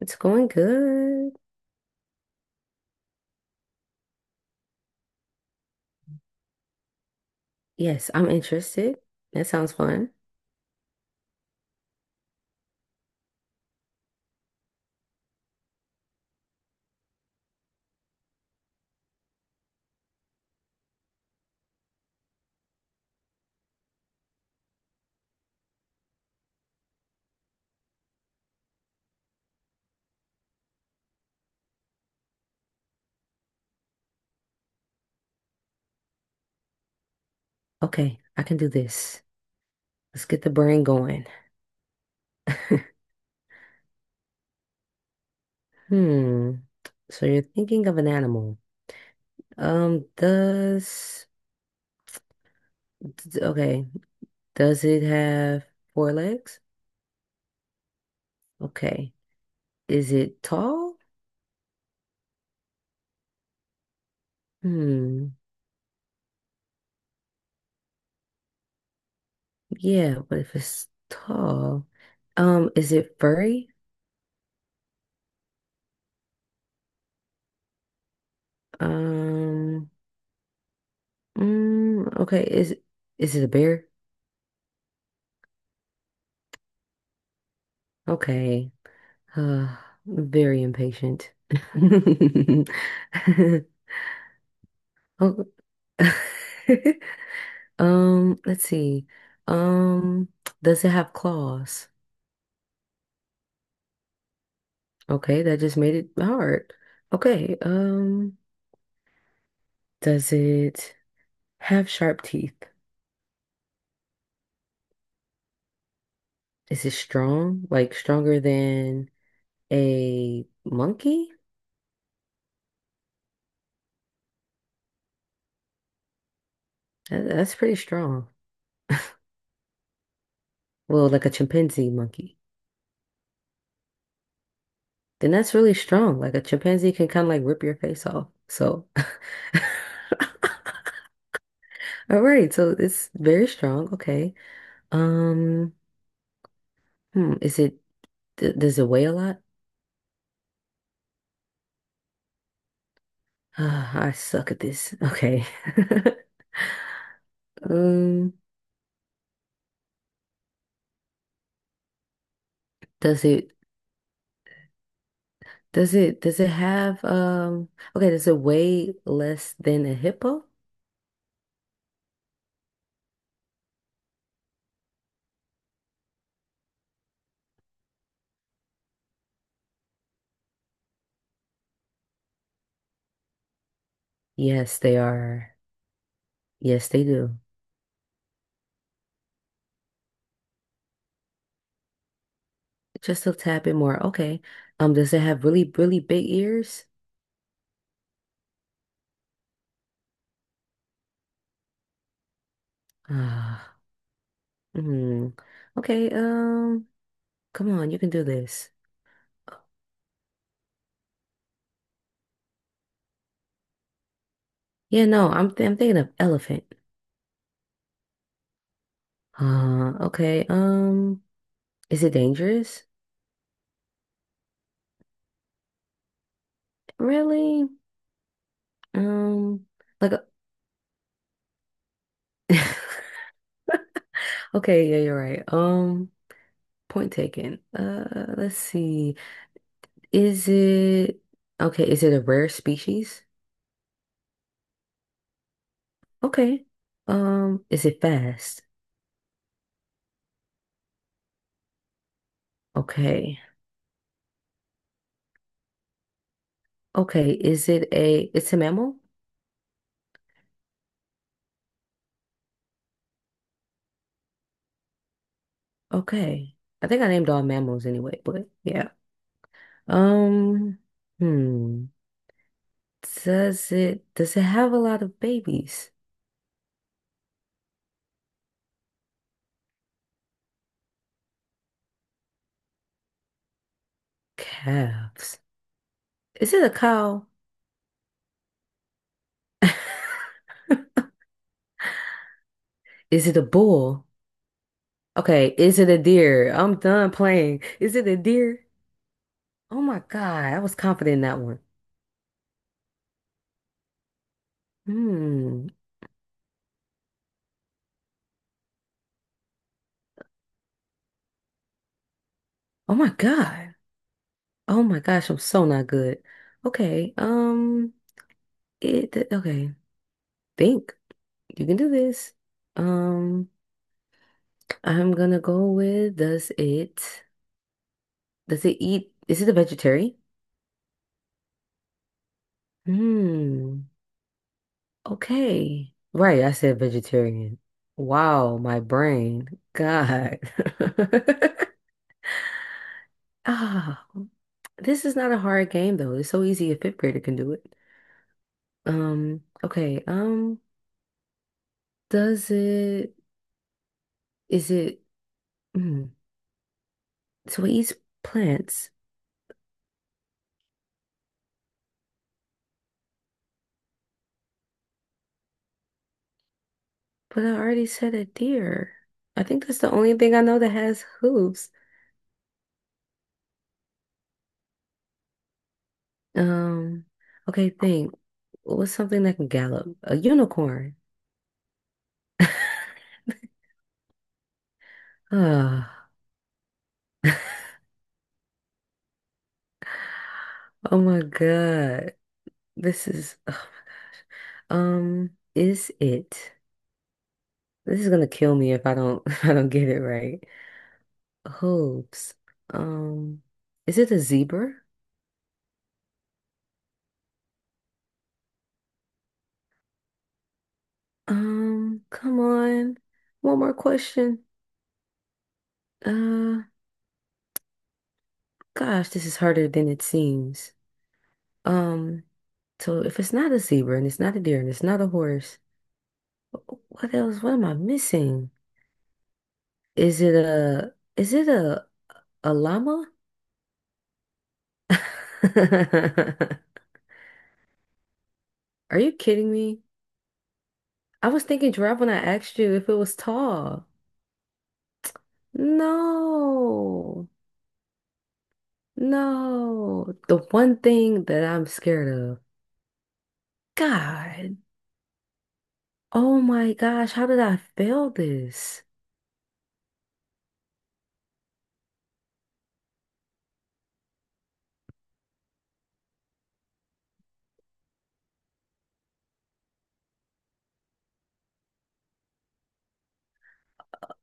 It's going good. Yes, I'm interested. That sounds fun. Okay, I can do this. Let's get the brain going. Hmm. So you're thinking of an animal. Um, does, okay, does it have four legs? Okay. Is it tall? Hmm. Yeah, but if it's tall, is it furry? Um, okay, is it a bear? Okay. Uh, very impatient. Oh. Let's see. Um, does it have claws? Okay, that just made it hard. Okay, does it have sharp teeth? Is it strong? Like stronger than a monkey? That's pretty strong. Well, like a chimpanzee monkey. Then that's really strong. Like a chimpanzee can kind of like rip your face off. So all right, so it's very strong. Okay. Um, is it d does it weigh a lot? I suck at this. Okay. Um, does it does it have okay, does it weigh less than a hippo? Yes, they are. Yes, they do. Just a tad bit more. Okay. Does it have really, really big ears? Ah, hmm. Okay, come on, you can do this. Yeah, no, I'm thinking of elephant. Okay. Is it dangerous? Really? Um, like okay, yeah, you're right. Point taken. Let's see. Is it okay, is it a rare species? Okay. Is it fast? Okay. Okay, is it's a mammal? Okay. I think I named all mammals anyway, but yeah. Um, hmm. Does it have a lot of babies? Calves. Is it a cow? Is it a bull? Okay, is it a deer? I'm done playing. Is it a deer? Oh my God, I was confident in that one. Hmm. Oh my God. Oh my gosh, I'm so not good. Okay, okay, think. You can do this. Um, I'm gonna go with does is it a vegetarian? Hmm. Okay. Right, I said vegetarian. Wow, my brain. God. Ah, this is not a hard game though. It's so easy a fifth grader can do it. Okay. Does it is it mm, so it eats plants, but I already said a deer. I think that's the only thing I know that has hooves. Um, okay, think. What's something that can gallop? A unicorn. Ah. Oh my God. This is, oh my gosh. Um, is it? This is gonna kill me if I don't if I don't get it right. Hooves. Um, is it a zebra? Come on. One more question. Uh, gosh, this is harder than it seems. Um, so if it's not a zebra and it's not a deer and it's not a horse, wh- what else? What am I missing? Is it a is it a llama? Are you kidding me? I was thinking giraffe when I asked you if it was tall. No, no. The one thing that I'm scared of. God. Oh my gosh, how did I fail this?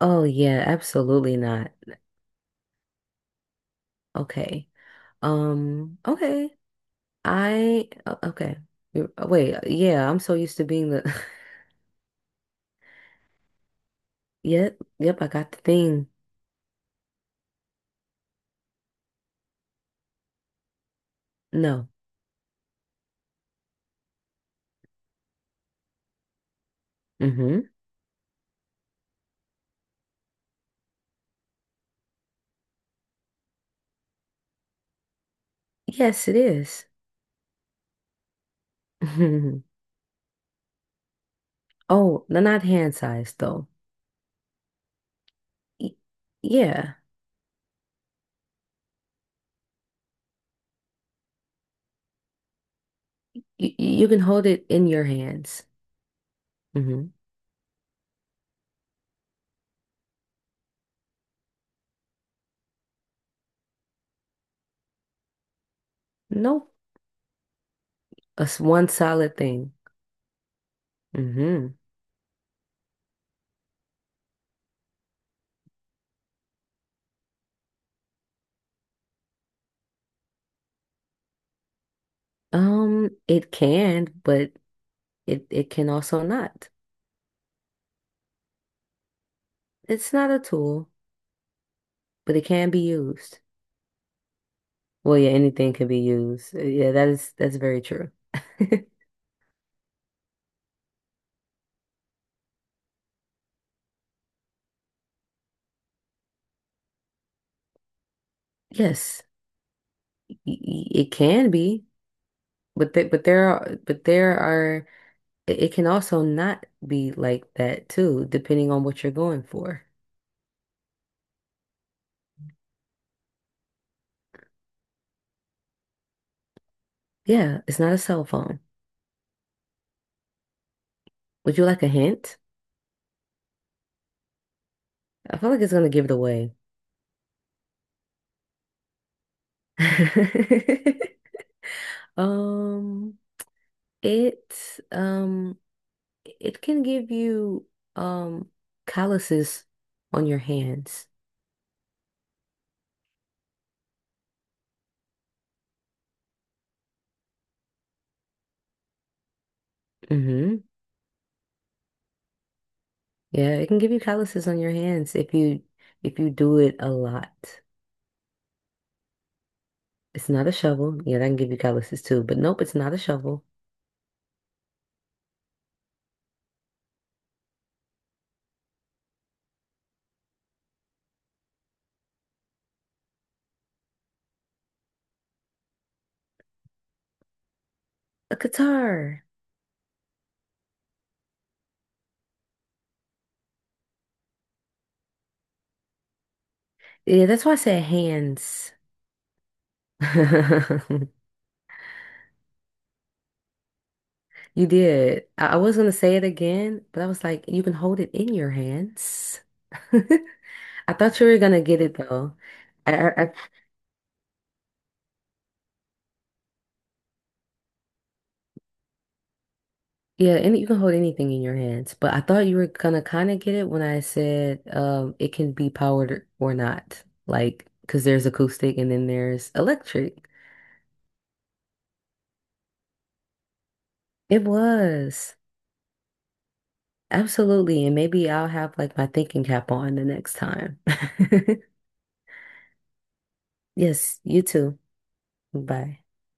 Oh yeah, absolutely not. Okay. Okay. Okay. Wait, yeah, I'm so used to being the Yep, yep, I got the thing. No. Mm-hmm. Yes, it is. Oh, no, not hand size though. Y- Yeah. You can hold it in your hands. Mm-hmm. Nope. That's one solid thing. Mm-hmm. It can, but it can also not. It's not a tool, but it can be used. Well, yeah, anything can be used. Yeah, that is that's very true. Yes, it can be, but th but there are it can also not be like that too, depending on what you're going for. Yeah, it's not a cell phone. Would you like a hint? I feel like it's gonna give it away. Um, it um it can give you um calluses on your hands. Mm-hmm. Yeah, it can give you calluses on your hands if you do it a lot. It's not a shovel. Yeah, that can give you calluses too. But nope, it's not a shovel. A guitar. Yeah, that's why I said hands. You did. I was gonna say it again, but I was like, you can hold it in your hands. I thought you were gonna get it though. I, I, I- yeah, and you can hold anything in your hands, but I thought you were gonna kind of get it when I said it can be powered or not. Like, because there's acoustic and then there's electric. It was. Absolutely. And maybe I'll have like my thinking cap on the next time. Yes, you too. Bye.